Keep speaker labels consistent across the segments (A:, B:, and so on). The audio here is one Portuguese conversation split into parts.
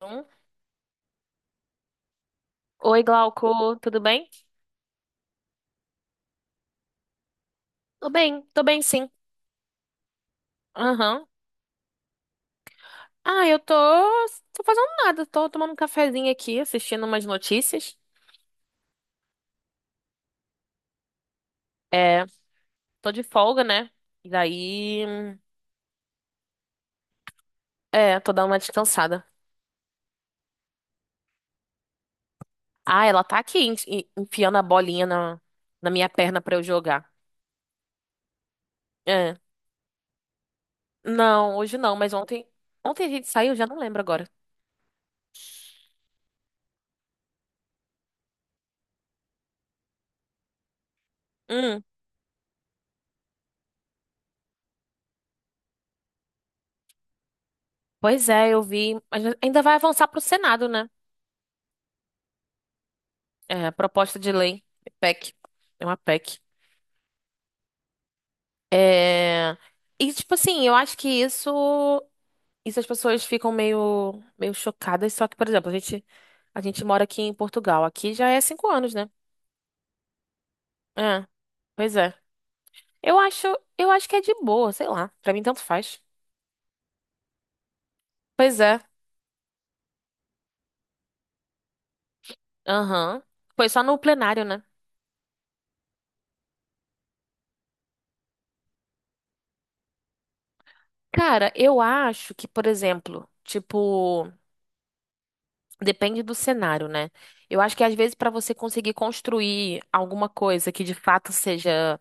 A: Um. Oi, Glauco, tudo bem? Tô bem, tô bem sim. Aham. Eu tô fazendo nada, tô tomando um cafezinho aqui, assistindo umas notícias. É, tô de folga, né? E daí, é, tô dando uma descansada. Ah, ela tá aqui enfiando a bolinha na minha perna pra eu jogar. É. Não, hoje não, mas ontem a gente saiu, já não lembro agora. Hum, pois é, eu vi, mas ainda vai avançar pro Senado, né? É, proposta de lei, PEC. É uma PEC. É... E, tipo assim, eu acho que isso as pessoas ficam meio chocadas. Só que, por exemplo, a gente mora aqui em Portugal. Aqui já é cinco anos, né? É, pois é. Eu acho, eu acho que é de boa, sei lá. Pra mim, tanto faz. Pois é. Aham. Foi só no plenário, né? Cara, eu acho que, por exemplo, tipo, depende do cenário, né? Eu acho que às vezes pra você conseguir construir alguma coisa que de fato seja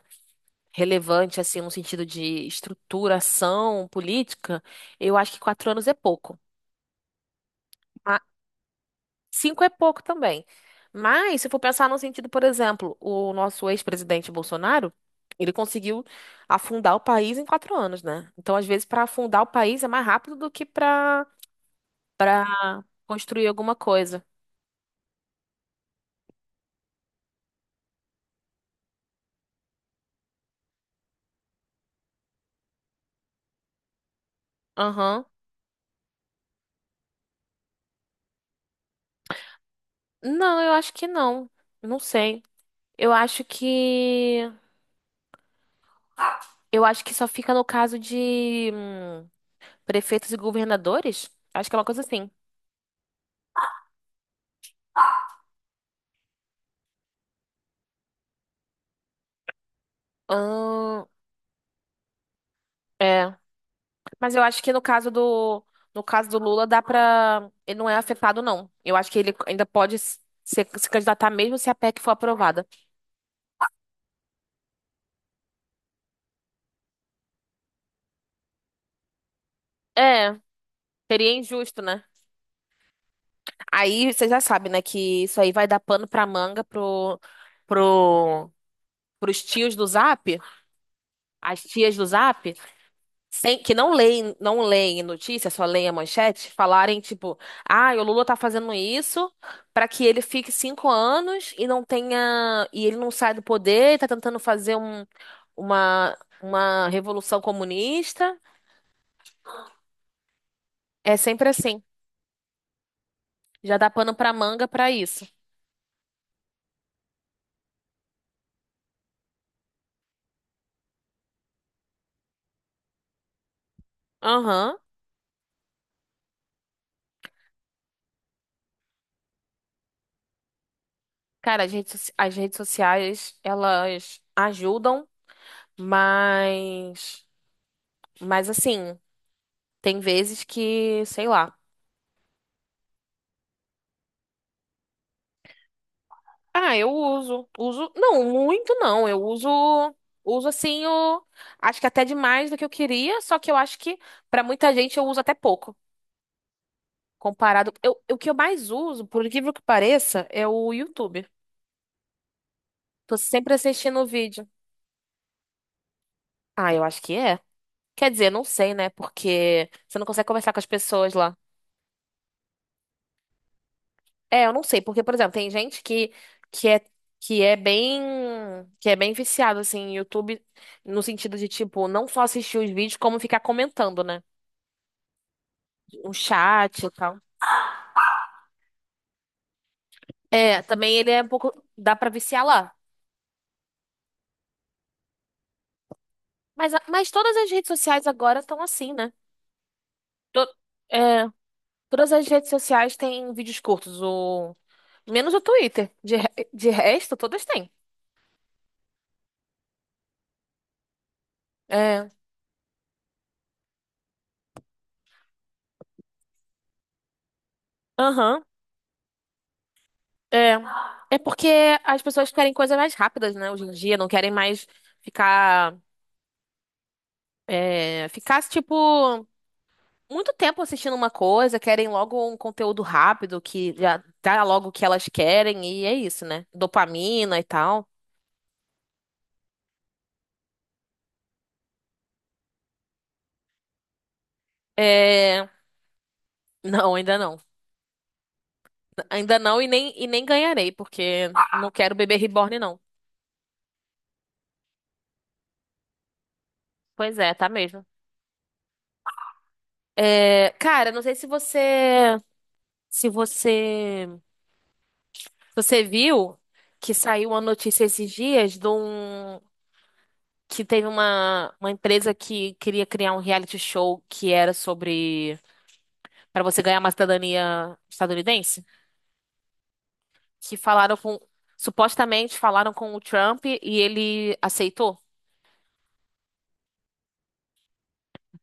A: relevante, assim, no sentido de estruturação política, eu acho que quatro anos é pouco. Ma- Cinco é pouco também. Mas, se for pensar no sentido, por exemplo, o nosso ex-presidente Bolsonaro, ele conseguiu afundar o país em quatro anos, né? Então, às vezes, para afundar o país é mais rápido do que para construir alguma coisa. Aham. Não, eu acho que não. Não sei. Eu acho que. Eu acho que só fica no caso de. Prefeitos e governadores? Acho que é uma coisa assim. Ahn, é. Mas eu acho que no caso do Lula dá pra. Ele não é afetado, não. Eu acho que ele ainda pode se candidatar mesmo se a PEC for aprovada. É, seria injusto, né? Aí você já sabe, né, que isso aí vai dar pano pra manga pro, pros tios do Zap, as tias do Zap. Que não leem, não leem notícia, só leem a manchete, falarem tipo, ah, o Lula tá fazendo isso pra que ele fique cinco anos e não tenha, e ele não saia do poder, e tá tentando fazer uma, uma revolução comunista. É sempre assim. Já dá pano pra manga pra isso. Aham. Cara, as redes sociais, elas ajudam, mas, mas assim, tem vezes que, sei lá. Ah, eu uso. Uso, não, muito não. Uso assim acho que até demais do que eu queria, só que eu acho que pra muita gente eu uso até pouco, comparado. Eu, o que eu mais uso, por incrível que pareça, é o YouTube. Tô sempre assistindo o vídeo. Ah, eu acho que é. Quer dizer, não sei, né? Porque você não consegue conversar com as pessoas lá. É, eu não sei, porque, por exemplo, tem gente que é, que é bem, que é bem viciado, assim, em YouTube, no sentido de, tipo, não só assistir os vídeos, como ficar comentando, né? Um chat e tal. É, também ele é um pouco, dá pra viciar lá. Mas, mas todas as redes sociais agora estão assim, né? To- é, Todas as redes sociais têm vídeos curtos, menos o Twitter. De resto, todas têm. É, aham. É. É porque as pessoas querem coisas mais rápidas, né, hoje em dia, não querem mais ficar, ficar, tipo, muito tempo assistindo uma coisa, querem logo um conteúdo rápido que já dá logo o que elas querem, e é isso, né? Dopamina e tal. É. Não, ainda não. Ainda não e nem ganharei, porque não quero bebê reborn, não. Pois é, tá mesmo. É, cara, não sei se você. Se você. Você viu que saiu uma notícia esses dias de um que teve uma empresa que queria criar um reality show que era sobre para você ganhar uma cidadania estadunidense? Que falaram com Supostamente falaram com o Trump e ele aceitou?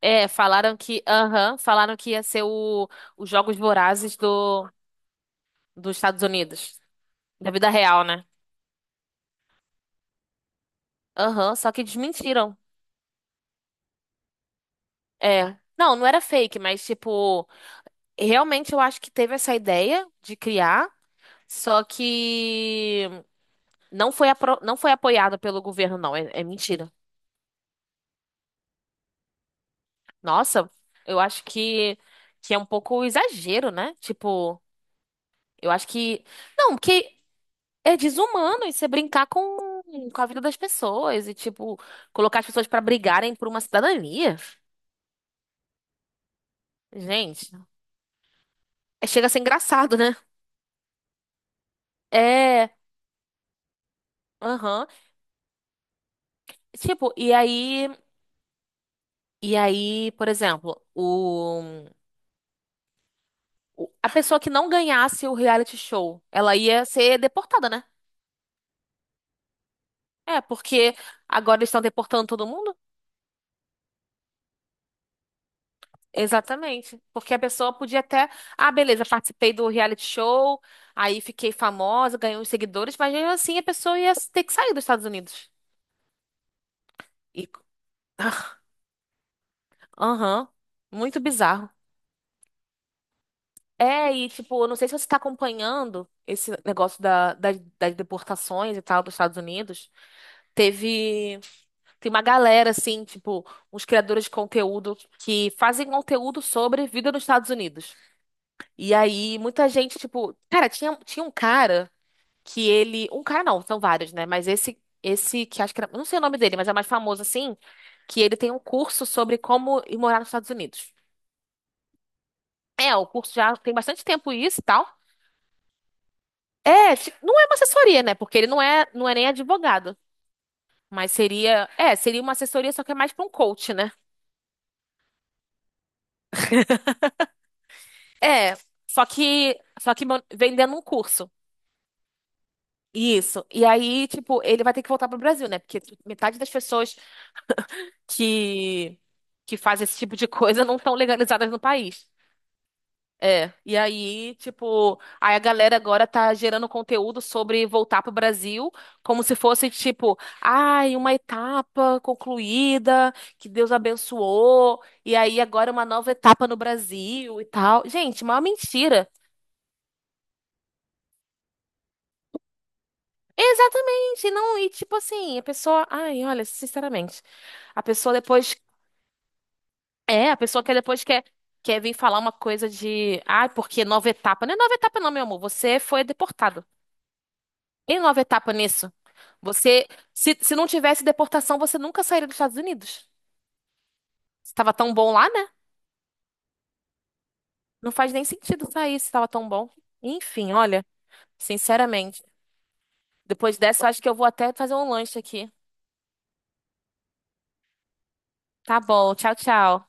A: É, falaram que ia ser os Jogos Vorazes do dos Estados Unidos, da vida real, né? Aham, só que desmentiram. É. Não, não era fake, mas tipo realmente eu acho que teve essa ideia de criar, só que não foi apoiada pelo governo, não. É, é mentira. Nossa, eu acho que é um pouco exagero, né? Tipo, eu acho que. Não, porque é desumano você brincar com a vida das pessoas e, tipo, colocar as pessoas pra brigarem por uma cidadania. Gente, chega a ser engraçado, né? É. Aham. Tipo, e aí. E aí, por exemplo, o. A pessoa que não ganhasse o reality show, ela ia ser deportada, né? É, porque agora eles estão deportando todo mundo? Exatamente. Porque a pessoa podia até, ah, beleza, participei do reality show, aí fiquei famosa, ganhei uns seguidores, mas mesmo assim a pessoa ia ter que sair dos Estados Unidos. E... Aham, muito bizarro. É, e tipo, eu não sei se você tá acompanhando esse negócio das deportações e tal dos Estados Unidos. Teve. Tem uma galera, assim, tipo, uns criadores de conteúdo que fazem conteúdo sobre vida nos Estados Unidos. E aí, muita gente, tipo, cara, tinha um cara que ele. Um cara não, são vários, né? Mas esse que acho que era. Não sei o nome dele, mas é mais famoso, assim, que ele tem um curso sobre como ir morar nos Estados Unidos. É, o curso já tem bastante tempo isso e tal. Não é uma assessoria, né? Porque ele não é, não é nem advogado. Mas seria. É, seria uma assessoria, só que é mais pra um coach, né? É, só que vendendo um curso. Isso. E aí, tipo, ele vai ter que voltar pro Brasil, né? Porque metade das pessoas que que fazem esse tipo de coisa não estão legalizadas no país. É. E aí, tipo, aí a galera agora tá gerando conteúdo sobre voltar pro Brasil, como se fosse tipo, ai, uma etapa concluída, que Deus abençoou, e aí agora uma nova etapa no Brasil e tal. Gente, uma mentira. Exatamente, não, e tipo assim, a pessoa, ai, olha, sinceramente, a pessoa depois, a pessoa que depois quer vir falar uma coisa de, ai, porque nova etapa, não é nova etapa não, meu amor, você foi deportado. E nova etapa nisso? Você, se não tivesse deportação, você nunca sairia dos Estados Unidos. Estava tão bom lá, né? Não faz nem sentido sair se estava tão bom. Enfim, olha, sinceramente, depois dessa, eu acho que eu vou até fazer um lanche aqui. Tá bom, tchau, tchau.